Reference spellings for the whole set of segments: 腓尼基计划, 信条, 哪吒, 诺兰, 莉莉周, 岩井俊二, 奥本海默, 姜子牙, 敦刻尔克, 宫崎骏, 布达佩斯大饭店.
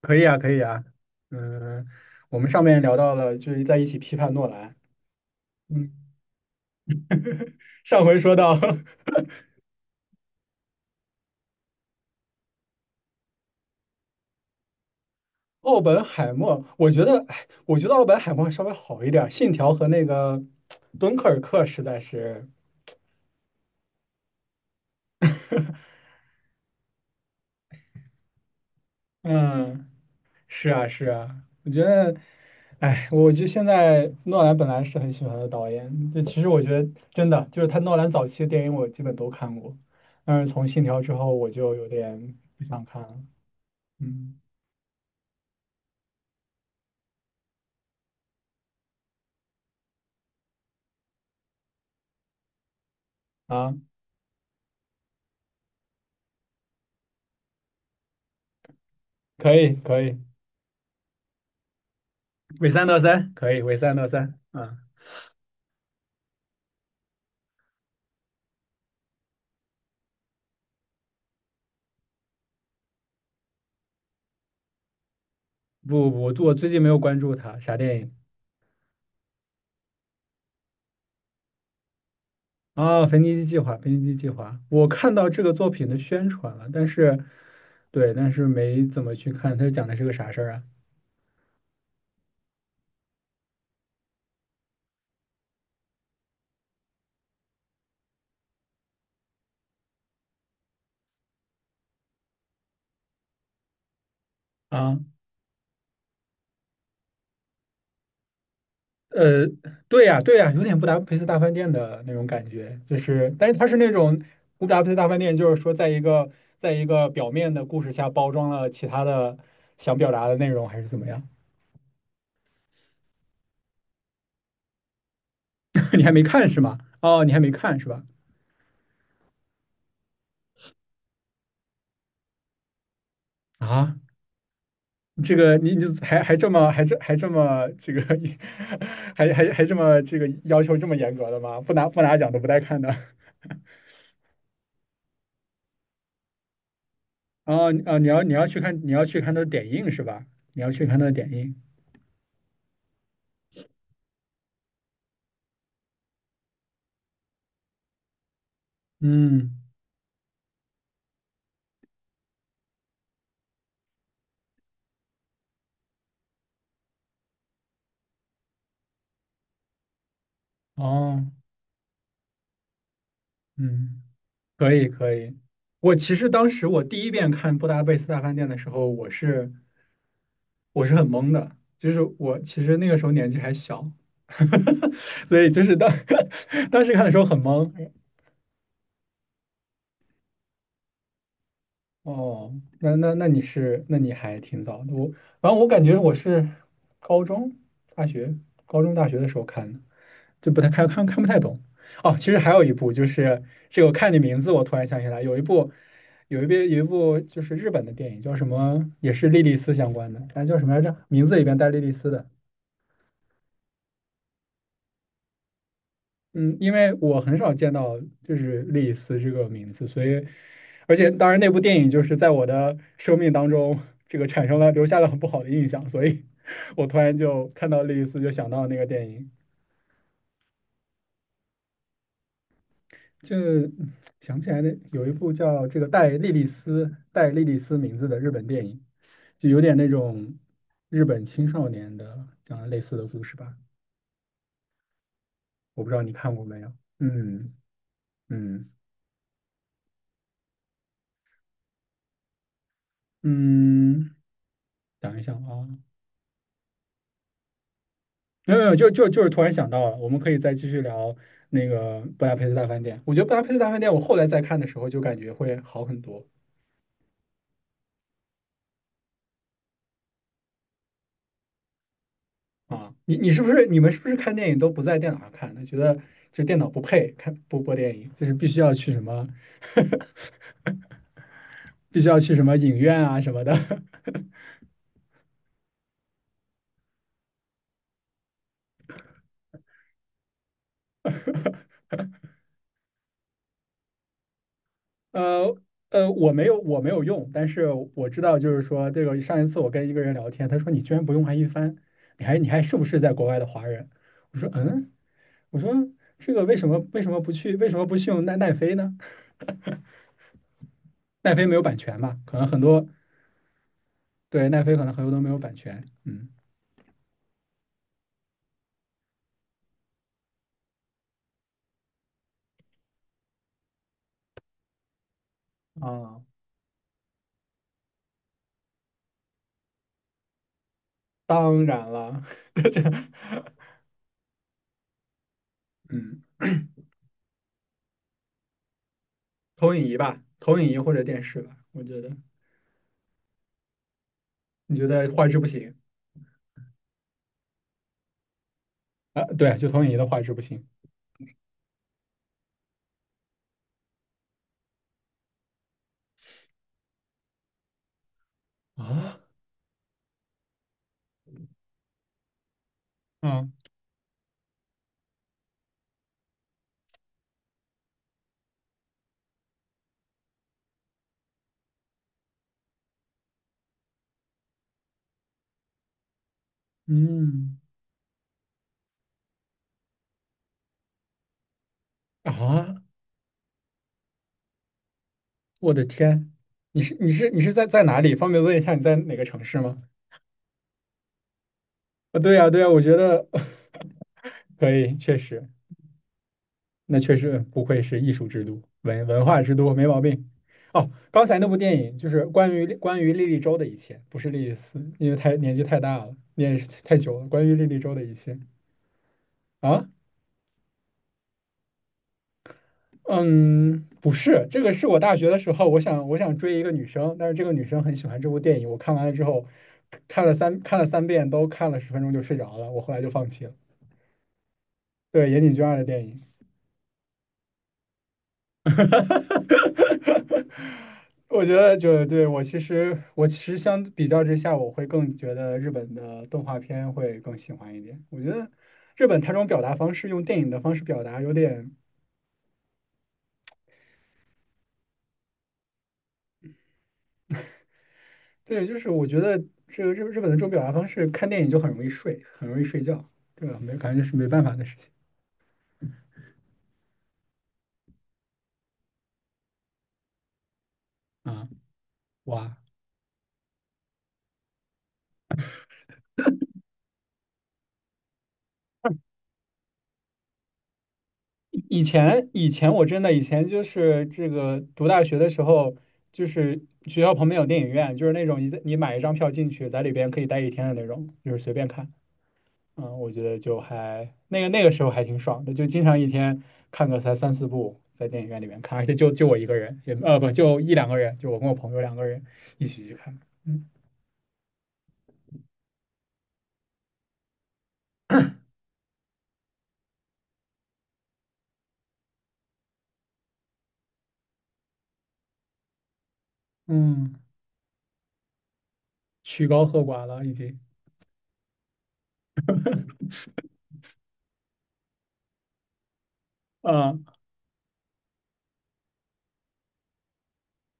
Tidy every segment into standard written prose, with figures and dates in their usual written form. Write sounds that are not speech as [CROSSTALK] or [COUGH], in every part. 可以啊，可以啊。嗯，我们上面聊到了，就是在一起批判诺兰。嗯，上回说到 [LAUGHS] 奥本海默，我觉得，哎，我觉得奥本海默稍微好一点儿，《信条》和那个《敦刻尔克》实在是，嗯，是啊，是啊，我觉得，哎，我就现在诺兰本来是很喜欢的导演，就其实我觉得真的就是他诺兰早期的电影我基本都看过，但是从《信条》之后我就有点不想看了。嗯，啊，可以，可以。伪三到三可以，伪三到三啊！不,我最近没有关注他，啥电影？啊，《腓尼基计划》，《腓尼基计划》，我看到这个作品的宣传了，但是，对，但是没怎么去看，它讲的是个啥事儿啊？啊，呃，对呀，对呀，有点布达佩斯大饭店的那种感觉，就是，但是它是那种布达佩斯大饭店，就是说在一个在一个表面的故事下包装了其他的想表达的内容，还是怎么样？[LAUGHS] 你还没看是吗？哦，你还没看是吧？啊，这个你还还这么还这还这么这个 [LAUGHS] 还这么这个要求这么严格的吗？不拿奖都不带看的。哦哦，你要去看他的点映是吧？你要去看他的点映。嗯，哦，嗯，可以可以。我其实当时我第一遍看《布达佩斯大饭店》的时候，我是很懵的，就是我其实那个时候年纪还小，[LAUGHS] 所以就是当 [LAUGHS] 当时看的时候很懵，哦，那你是，那你还挺早的。我，反正我感觉我是高中、大学、高中、大学的时候看的，就不太看不太懂。哦，其实还有一部，就是这个，我看你名字，我突然想起来，有一部，有一部就是日本的电影，叫什么，也是莉莉丝相关的，哎，叫什么来着？名字里边带莉莉丝的，嗯，因为我很少见到就是莉莉丝这个名字，所以，而且当然那部电影就是在我的生命当中，这个产生了留下了很不好的印象，所以我突然就看到莉莉丝就想到那个电影，就想不起来那有一部叫这个带莉莉丝名字的日本电影，就有点那种日本青少年的讲的类似的故事吧，我不知道你看过没有？嗯嗯嗯,想一想啊。没有,就是突然想到了，我们可以再继续聊那个布达佩斯大饭店。我觉得布达佩斯大饭店，我后来再看的时候就感觉会好很多啊。你是不是你们是不是看电影都不在电脑上看的？觉得就电脑不配看电影，就是必须要去什么，[LAUGHS] 必须要去什么影院啊什么的。[LAUGHS] 呃呃，我没有用，但是我知道就是说这个上一次我跟一个人聊天，他说你居然不用爱一帆，你还是不是在国外的华人？我说嗯。我说这个为什么不去用奈飞呢？奈飞没有版权吧？可能很多对奈飞可能很多都没有版权。嗯啊，当然了，[LAUGHS] 这嗯投影仪吧，投影仪或者电视吧，我觉得，你觉得画质不行啊，对，就投影仪的画质不行。啊？嗯嗯啊，我的天！你是在在哪里？方便问一下你在哪个城市吗？啊，对呀对呀，我觉得 [LAUGHS] 可以，确实。那确实不愧是艺术之都，文化之都，没毛病。哦，刚才那部电影就是关于莉莉周的一切，不是莉莉丝，因为太年纪太大了，年纪太久了。关于莉莉周的一切啊，嗯，不是，这个是我大学的时候，我想追一个女生，但是这个女生很喜欢这部电影，我看完了之后，看了三遍，都看了十分钟就睡着了，我后来就放弃了。对，岩井俊二的电影。[LAUGHS] 我觉得就对我其实相比较之下，我会更觉得日本的动画片会更喜欢一点。我觉得日本它这种表达方式，用电影的方式表达，有点对，就是我觉得这个日本的这种表达方式，看电影就很容易睡，很容易睡觉，对吧？没感觉是没办法的事情啊，哇。以前我真的以前就是这个读大学的时候，就是学校旁边有电影院，就是那种你在你买一张票进去，在里边可以待一天的那种，就是随便看。嗯，我觉得就还那个时候还挺爽的，就经常一天看个才三四部，在电影院里面看，而且就我一个人，也不就一两个人，就我跟我朋友两个人一起去看。嗯嗯，曲高和寡了已经。啊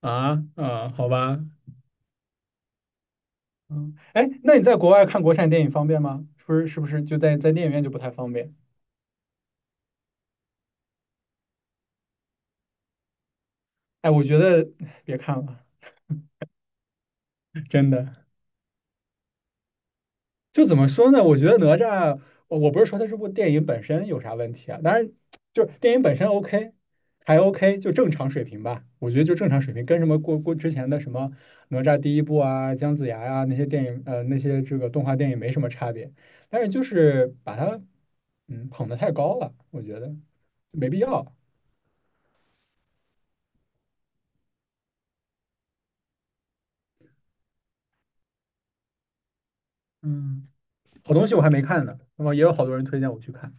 啊啊，好吧。嗯，哎，那你在国外看国产电影方便吗？是不是就在电影院就不太方便？哎，我觉得别看了，真的。就怎么说呢？我觉得哪吒，我不是说它这部电影本身有啥问题啊，当然就是电影本身 OK,还 OK,就正常水平吧。我觉得就正常水平，跟什么之前的什么哪吒第一部啊、姜子牙呀、那些电影那些这个动画电影没什么差别，但是就是把它嗯捧的太高了，我觉得没必要。嗯。好东西我还没看呢，那么也有好多人推荐我去看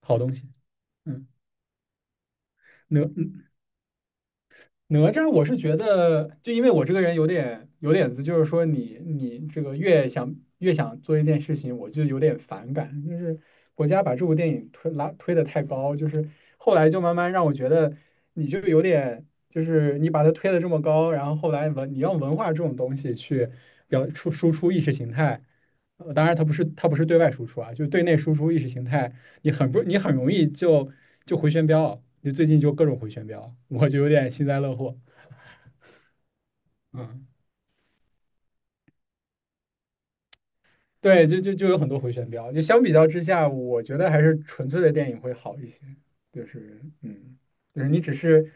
好东西。嗯，哪哪吒，我是觉得，就因为我这个人有点有点子，就是说你这个越想做一件事情，我就有点反感，就是国家把这部电影推的太高，就是后来就慢慢让我觉得，你就有点就是你把它推的这么高，然后后来你用文化这种东西去输出意识形态。当然，它不是对外输出啊，就是对内输出意识形态，你很不你很容易就回旋镖，你最近就各种回旋镖，我就有点幸灾乐祸。嗯，对，就有很多回旋镖，就相比较之下，我觉得还是纯粹的电影会好一些。就是嗯，就是你只是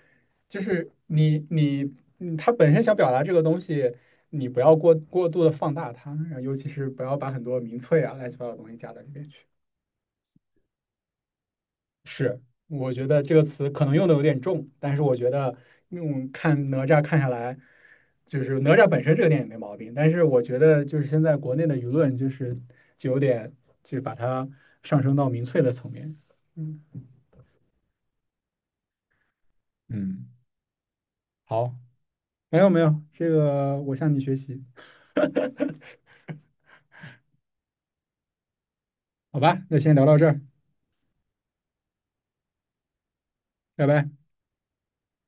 就是你你嗯，它本身想表达这个东西。你不要过度的放大它，然后尤其是不要把很多民粹啊、乱七八糟的东西加到里面去。我觉得这个词可能用的有点重，但是我觉得用看哪吒看下来，就是哪吒本身这个电影没毛病，但是我觉得就是现在国内的舆论就是就有点就是把它上升到民粹的层面。嗯，嗯，好，没有,这个我向你学习，好吧，那先聊到这儿，拜拜。